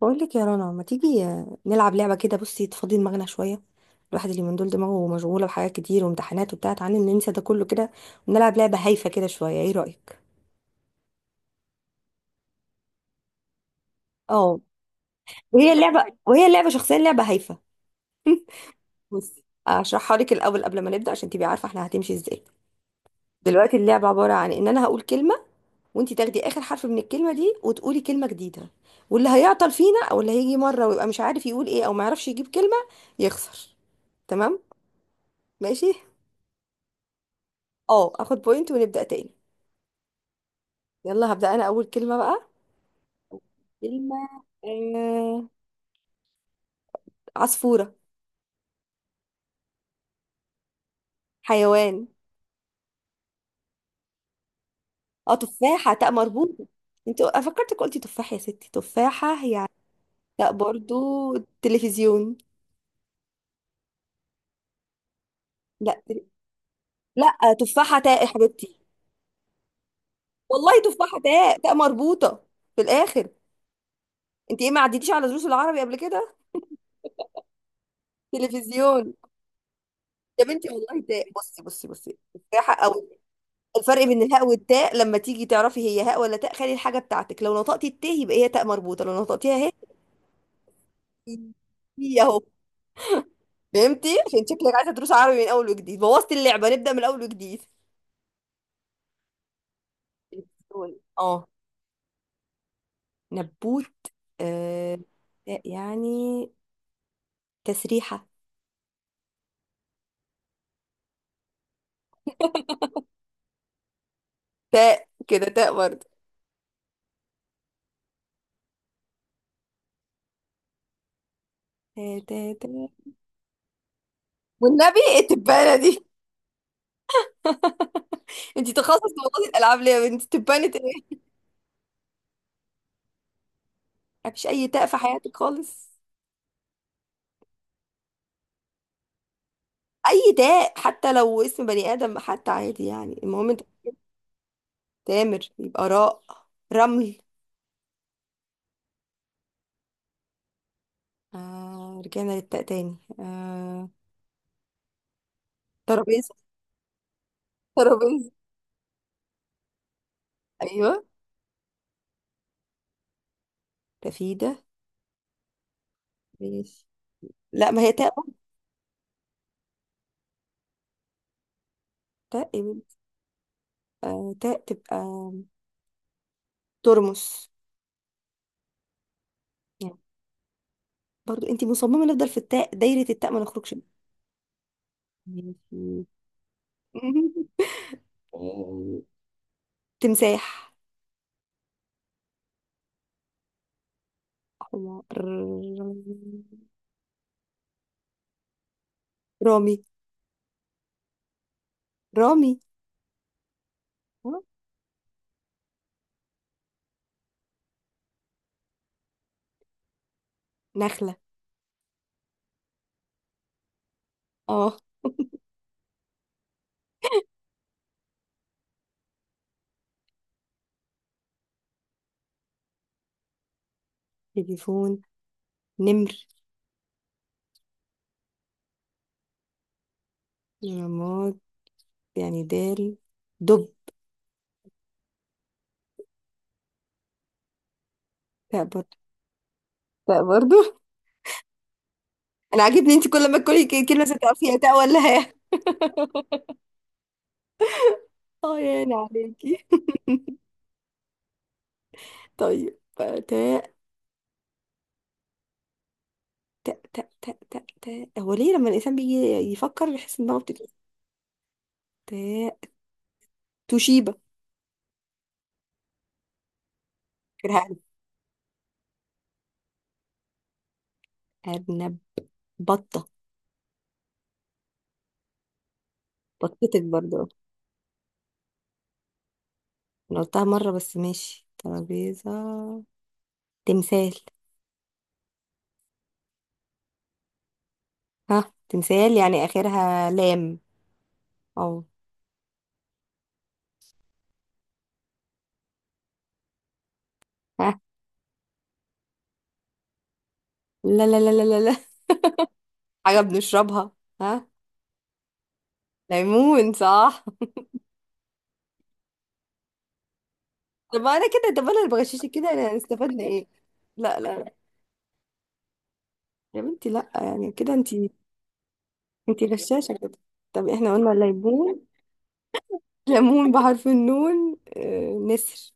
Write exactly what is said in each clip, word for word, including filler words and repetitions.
بقول لك يا رنا، ما تيجي نلعب لعبه كده؟ بصي، تفضي دماغنا شويه. الواحد اللي من دول دماغه مشغوله بحاجات كتير وامتحانات وبتاع. تعالى ننسى ده كله كده ونلعب لعبه هايفه كده شويه. ايه رايك؟ اه، وهي اللعبه، وهي اللعبه شخصيا لعبه هايفه. بصي اشرحها لك الاول قبل ما نبدا عشان تبقي عارفه احنا هتمشي ازاي. دلوقتي اللعبه عباره عن ان انا هقول كلمه، وانت تاخدي اخر حرف من الكلمه دي وتقولي كلمه جديده. واللي هيعطل فينا او اللي هيجي مره ويبقى مش عارف يقول ايه او ما يعرفش يجيب كلمه يخسر. تمام؟ ماشي. اه، اخد بوينت ونبدأ تاني. يلا هبدأ انا اول كلمة بقى. كلمة. آه... عصفورة. حيوان. اه، تفاحة تاء مربوطة. انت فكرتك قلتي تفاح يا ستي. تفاحة هي ع- تاء برضو. تلفزيون. لا تل- لا، تفاحة تاء يا حبيبتي. والله تفاحة تاء، تاء مربوطة في الاخر. انت ايه، ما عديتيش على دروس العربي قبل كده؟ تلفزيون يا بنتي، والله تاء. بصي بصي بصي، تفاحة او الفرق بين الهاء والتاء. لما تيجي تعرفي هي هاء ولا تاء، خلي الحاجة بتاعتك لو نطقتي التاء يبقى هي تاء مربوطة، لو نطقتيها هي هي اهو. فهمتي؟ عشان شكلك عايزة دروس عربي من اول وجديد. بوظتي اللعبة، نبدأ من اول وجديد. نبتون. اه، نبوت. آه تاء يعني. تسريحة. تاء كده، تاء برضه. تاء تاء تاء. والنبي إيه التبانة دي؟ انتي تخصص في موضوع الالعاب ليه يا بنتي؟ تبانة ايه؟ مفيش اي تاء في حياتك خالص؟ اي داء حتى، لو اسم بني ادم حتى عادي يعني. المهم انت. تامر يبقى راء. رمل. آه، رجعنا للتاء تاني. آه، ترابيزه. ترابيزه. ايوه. تفيده. ماشي. لا، ما هي تاء بقى. تاء يا بنتي. آه تاء تبقى. ترمس. يعني برضو انت مصممه نفضل في التاء، دايره التاء ما نخرجش منها. ماشي. تمساح. حمار. رامي. رامي. آه، نخله. اه، تليفون. نمر. رماد يعني دال. دب. تاء برضه. تاء برضه. انا عاجبني انت كل ما تقولي ك- كلمه ستبقى فيها تاء ولا هاء. اه يعني عليكي. طيب، تاء تاء تاء تاء تاء تاء. هو ليه لما الانسان بيجي يفكر يحس ان دماغه بتتقفل؟ تاء. توشيبا. فاكرها؟ أرنب. أرنب. بطه. بطتك برضه. انا قلتها مره، بس ماشي ترابيزه. تمثال. ها، تمثال يعني اخرها لام. او ها؟ لا لا لا لا لا. حاجة بنشربها. ها؟ ليمون، صح. طب انا كده، طب انا اللي بغششك كده، انا استفدنا ايه؟ لا لا لا، يا بنتي، لا يعني كده انتي. انتي غشاشة كده. طب احنا قلنا ليمون. ليمون بحرف النون. آه، نسر.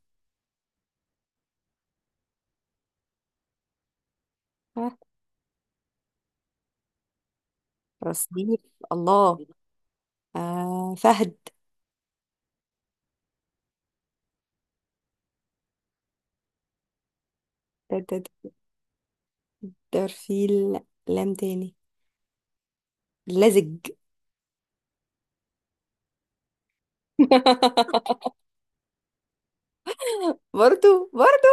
ها؟ رصيف. الله. آه، فهد. ده ده ده. ده في ال- لام تاني. لزج. برضو برضو.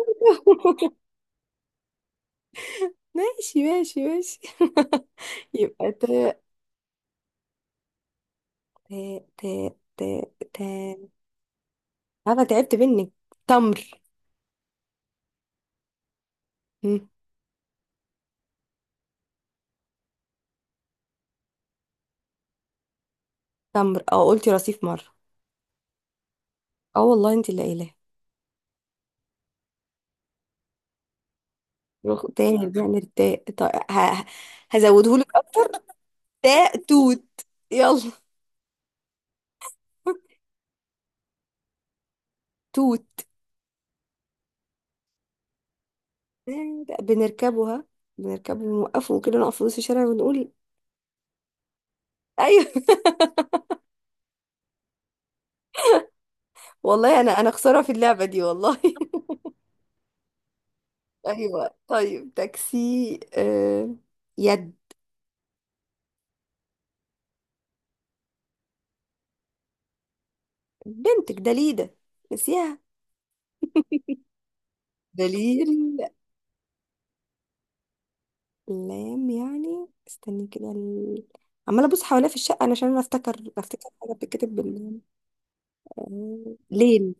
ماشي ماشي ماشي، يبقى تاء. تاء تاء تاء عارفه، تعبت منك. تمر. مم. تمر. اه قلتي رصيف مره. اه والله، انت اللي قايلاه. روح تاني بنعمل التاء، طيب هزوده لك اكتر. تاء، توت. يلا. توت. بنركبها. بنركبه ونوقفه وكده، نقف في نص الشارع ونقول. ايوه. والله انا انا خساره في اللعبه دي والله. ايوه طيب تاكسي. آه... يد. بنتك دليده، نسيها. دليل. لام يعني. استني كده. ال... عمالة ابص حواليا في الشقة علشان انا افتكر، افتكر حاجة بتتكتب بال. آه، ليل.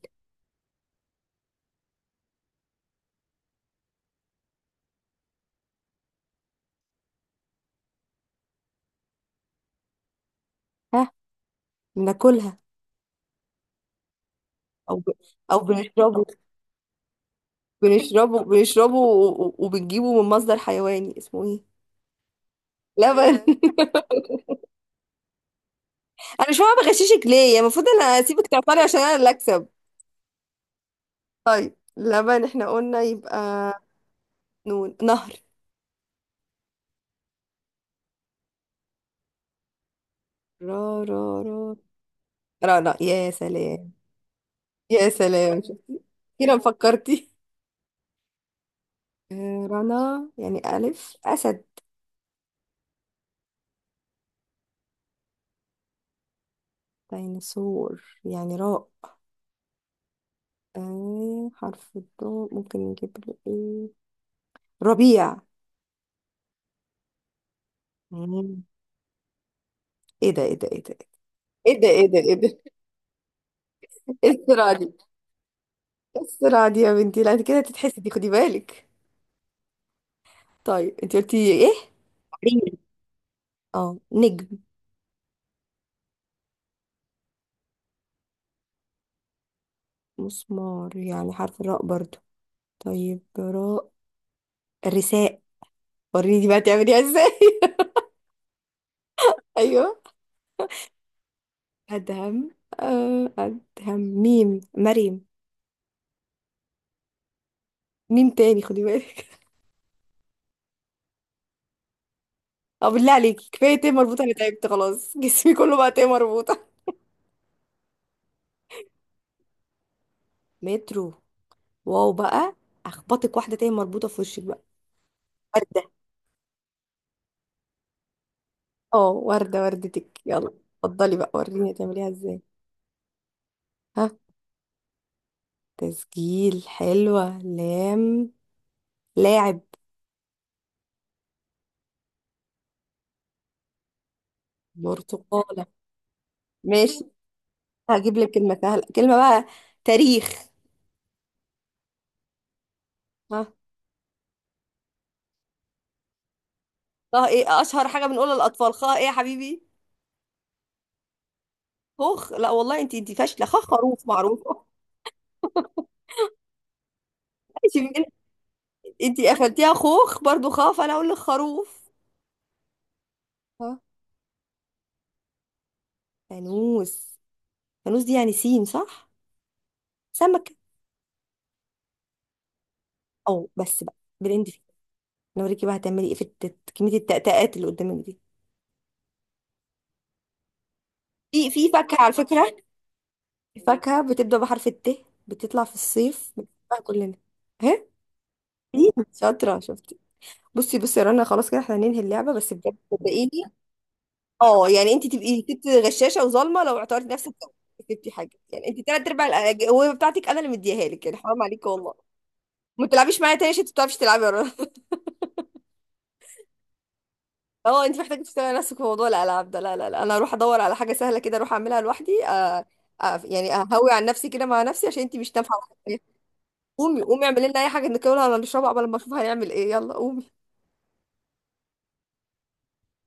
ها؟ بناكلها. او ب... او بنشربه. بنشربه. بنشربه و- و- وبنجيبه من مصدر حيواني اسمه ايه؟ لبن. انا مش فاهمة بغششك ليه يعني، المفروض انا اسيبك تعطلي عشان انا اللي اكسب. لبن احنا قلنا، يبقى نون، نهر. را را را. را لا، يا سلام. يا سلام، شفتي كده فكرتي. آه، رنا يعني ألف. أسد. ديناصور يعني راء. آه، حرف الضاد ممكن نجيب له إيه؟ ربيع. مم. إيه ده إيه ده إيه ده؟ إيه ده إيه ده إيه ده؟ إيه السرعة دي؟ إيه السرعة دي يا بنتي؟ لا أنت كده تتحسدي، خدي بالك. طيب أنت قلتي إيه؟ عرين. أه، نجم. مسمار يعني حرف الراء برضو. طيب، راء. رساء. وريني بقى تعمليها إزاي. أيوه. أدهم. آه، أدهم ميم، مريم. مين تاني، خدي بالك. اه، بالله عليكي كفايه تيه مربوطه، انا تعبت خلاص. جسمي كله بقى تيه مربوطه. مترو. واو بقى. اخبطك واحده تيه مربوطه في وشك بقى. ورده. اه، ورده، وردتك. يلا اتفضلي بقى، وريني هتعمليها ازاي. ها؟ تسجيل. حلوه، لام. لاعب. برتقاله. ماشي، هجيب لك كلمه سهله. كلمه بقى. تاريخ. ها؟ خا ايه اشهر حاجه بنقولها للاطفال؟ خا ايه يا حبيبي؟ خوخ. لا والله، انت انت فاشله. خا خروف معروفه. ماشي. انتي قفلتيها خوخ برضو، خاف انا اقول لك خروف. ها؟ فانوس. فانوس دي يعني سين، صح. سمكة. او بس بقى بالهند فيه. انا اوريكي بقى هتعملي ايه في الت- كمية التأتأات اللي قدامك دي. في في فاكهة على فكرة. فاكهة بتبدأ بحرف الت، بتطلع في الصيف بنحبها كلنا. ها؟ إيه؟ شاطرة، شفتي. بصي بصي يا رنا، خلاص كده احنا هننهي اللعبة، بس بجد صدقيني. اه يعني انت تبقي ست غشاشة وظالمة لو اعتبرتي نفسك كسبتي حاجة. يعني انت تلات ارباع الأجوبة بتاعتك انا اللي مديها لك يعني، حرام عليك والله. ما تلعبيش معايا تاني عشان انت ما بتعرفيش تلعبي يا رنا. اه، انت محتاجه تشتغلي نفسك في موضوع الالعاب ده. لا لا لا، انا اروح ادور على حاجه سهله كده، اروح اعملها لوحدي. آه، آه يعني اهوي عن نفسي كده، مع نفسي، عشان انت مش نافعه معايا. قومي قومي، اعملي لنا اي حاجه ناكلها ولا نشربها قبل ما اشوف هنعمل ايه. يلا قومي.